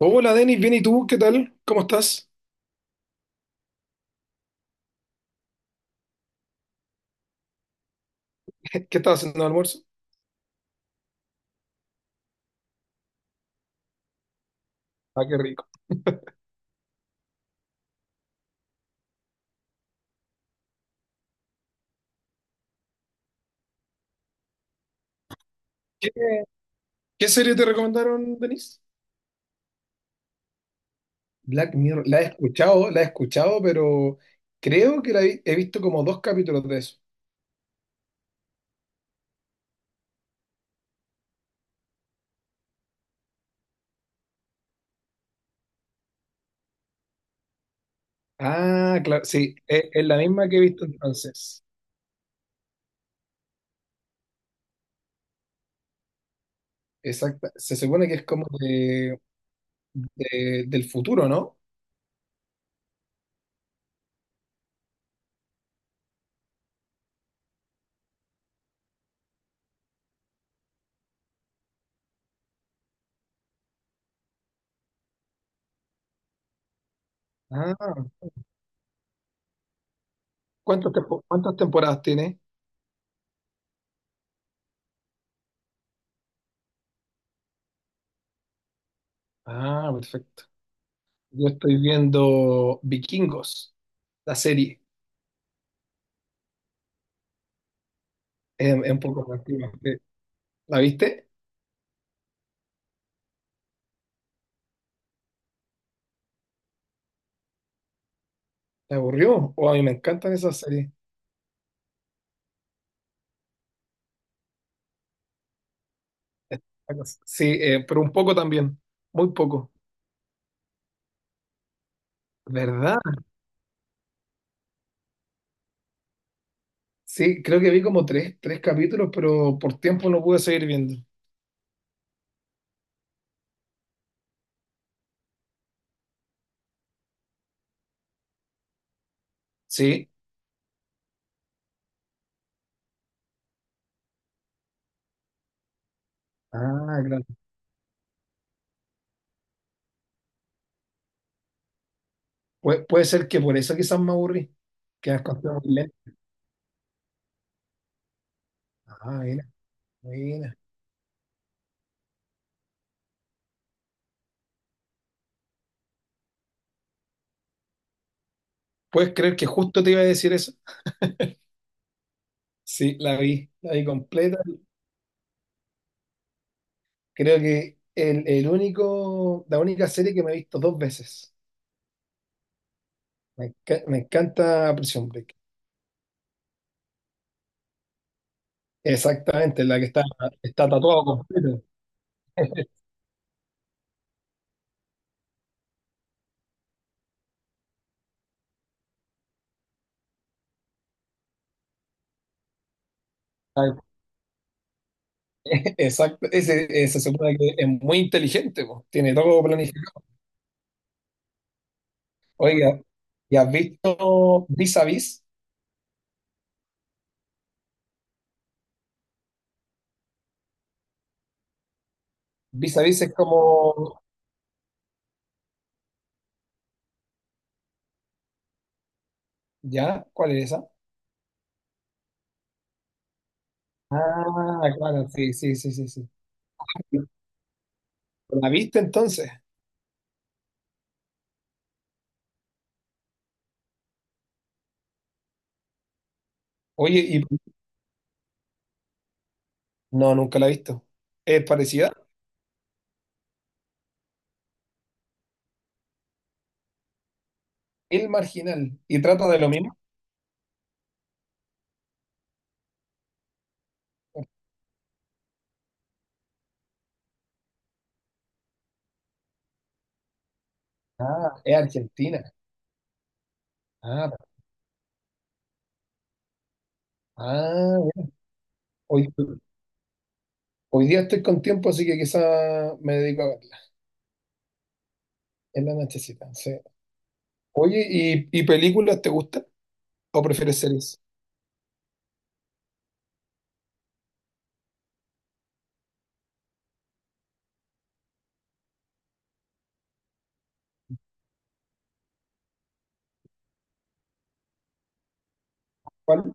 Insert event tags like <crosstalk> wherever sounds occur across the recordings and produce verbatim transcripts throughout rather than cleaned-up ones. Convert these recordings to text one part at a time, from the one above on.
Hola Denis, bien ¿y tú, qué tal? ¿Cómo estás? <laughs> ¿Qué estás haciendo de almuerzo? Ah, qué rico. ¿Qué, qué serie te recomendaron, Denis? Black Mirror, la he escuchado, la he escuchado, pero creo que la vi- he visto como dos capítulos de eso. Ah, claro, sí, es, es la misma que he visto entonces. Exacta. Se supone que es como de, de- del futuro, ¿no? Ah, ¿cuántas tempo- ¿cuántas temporadas tiene? Ah, perfecto. Yo estoy viendo Vikingos, la serie, es, es un poco más antigua, sí. ¿La viste? ¿Te aburrió? O a mí me encantan esas series. Sí, eh, pero un poco también, muy poco. ¿Verdad? Sí, creo que vi como tres, tres capítulos, pero por tiempo no pude seguir viendo. Sí. Ah, claro. Pue- puede ser que por eso quizás me aburrí, que las cosas muy lentas. Ah, mira, mira. ¿Puedes creer que justo te iba a decir eso? Sí, la vi, la vi completa. Creo que el, el único, la única serie que me he visto dos veces. Me, enca- me encanta Prison Break. Exactamente, la que está, está tatuada, completo. Tal- <laughs> Exacto, ese, ese se supone que es muy inteligente, po. Tiene todo planificado. Oiga, ¿y has visto Vis a Vis? Vis a Vis es como, ¿ya? ¿Cuál es esa? Ah, claro, sí, sí, sí, sí, sí. ¿La viste entonces? Oye, y no, nunca la he visto. Es parecida. El Marginal, y trata de lo mismo. Ah, es Argentina. Ah, ah, mira. Oye, hoy día estoy con tiempo, así que quizá me dedico a verla. En la nochecita, sí. Oye, ¿y, y películas te gustan? ¿O prefieres series? ¿Cuál?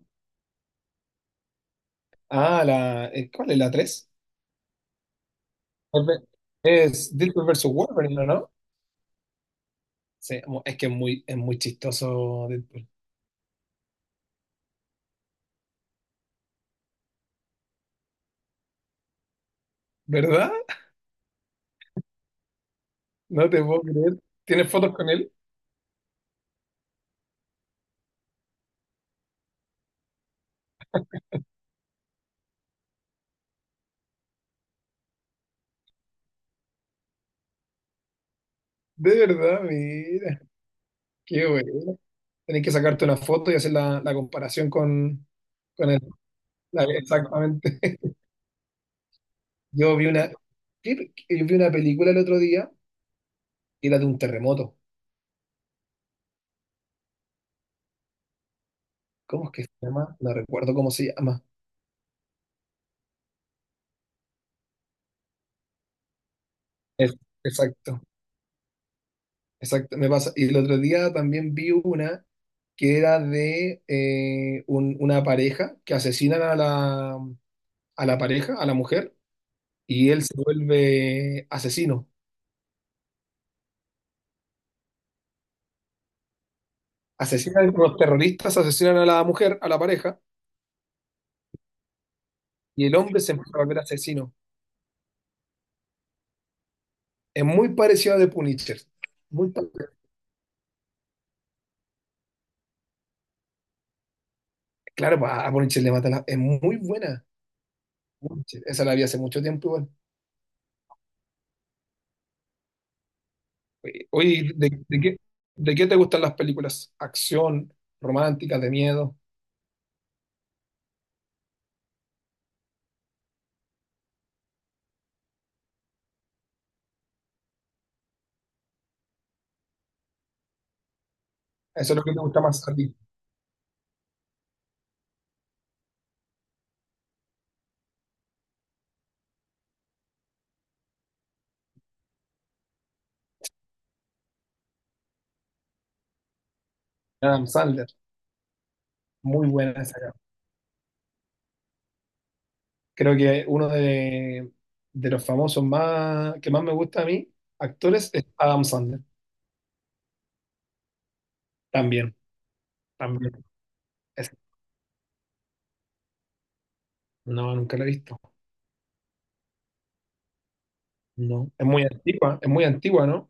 Ah, la, eh, ¿cuál es la tres? Es Deadpool versus Wolverine, ¿o ¿no? Sí, mu- es que es muy, es muy chistoso Deadpool. ¿Verdad? No te puedo creer. ¿Tienes fotos con él? De verdad, mira. Qué bueno. Tenés que sacarte una foto y hacer la, la comparación con, con él. <laughs> La- exactamente. Yo vi una, ¿qué- qué- yo vi una película el otro día, y la de un terremoto. ¿Cómo es que se llama? No recuerdo cómo se llama. Es- exacto, exacto, me pasa. Y el otro día también vi una que era de eh, un- una pareja que asesinan a la, a la pareja, a la mujer, y él se vuelve asesino. Asesinan los terroristas, asesinan a la mujer, a la pareja, y el hombre se empieza a volver asesino. Es muy parecido a The Punisher. Muy pa- claro, a a Punisher le mata la... Es muy buena. Punisher. Esa la vi hace mucho tiempo igual. Oye, oye, ¿de, de qué, de qué te gustan las películas? Acción, románticas, de miedo. Eso es lo que te gusta más a ti. Adam Sandler, muy buena esa, cara. Creo que uno de, de los famosos más que más me gusta a mí, actores, es Adam Sandler. También, también. Es- no, nunca la he visto. No. Es muy antigua, es muy antigua, ¿no?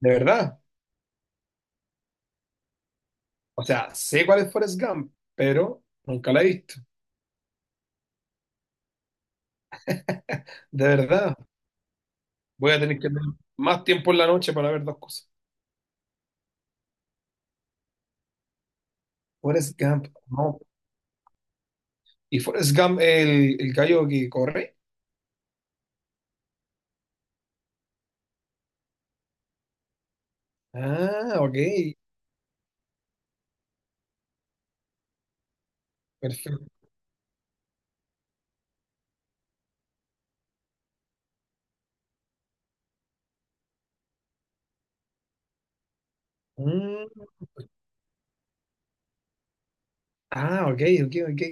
De verdad. O sea, sé cuál es Forrest Gump, pero nunca la he visto. <laughs> De verdad. Voy a tener que tener más tiempo en la noche para ver dos cosas. Forrest Gump, no. ¿Y Forrest Gump, el, el gallo que corre? Ah, ok. Perfecto. Mm, ah, ok, ok, ok.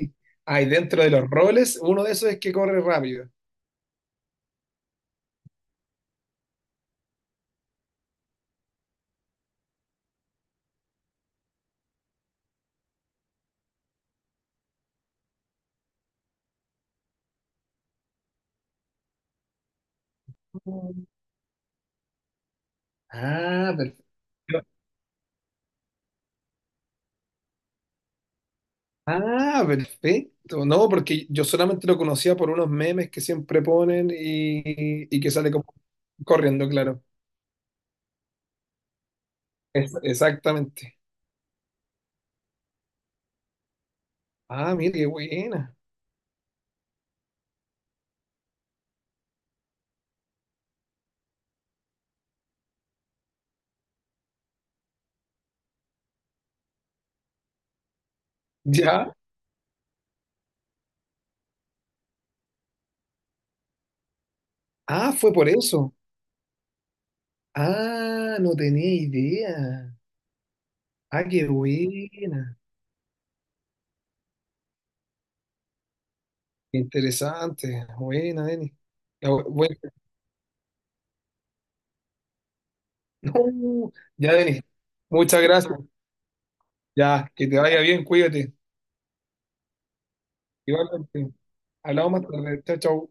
Ah, y dentro de los roles, uno de esos es que corre rápido. Mm. Ah, perfecto. Ah, perfecto. No, porque yo solamente lo conocía por unos memes que siempre ponen y, y que sale como corriendo, claro. Es- exactamente. Ah, mira, qué buena. ¿Ya? Ah, fue por eso. Ah, no tenía idea. Ah, qué buena. Interesante. Buena, Denis. Ya, bu- bueno, no, ya, Denis. Muchas gracias. Ya, que te vaya bien, cuídate. Igualmente. Hablamos más tarde. Chao, chao.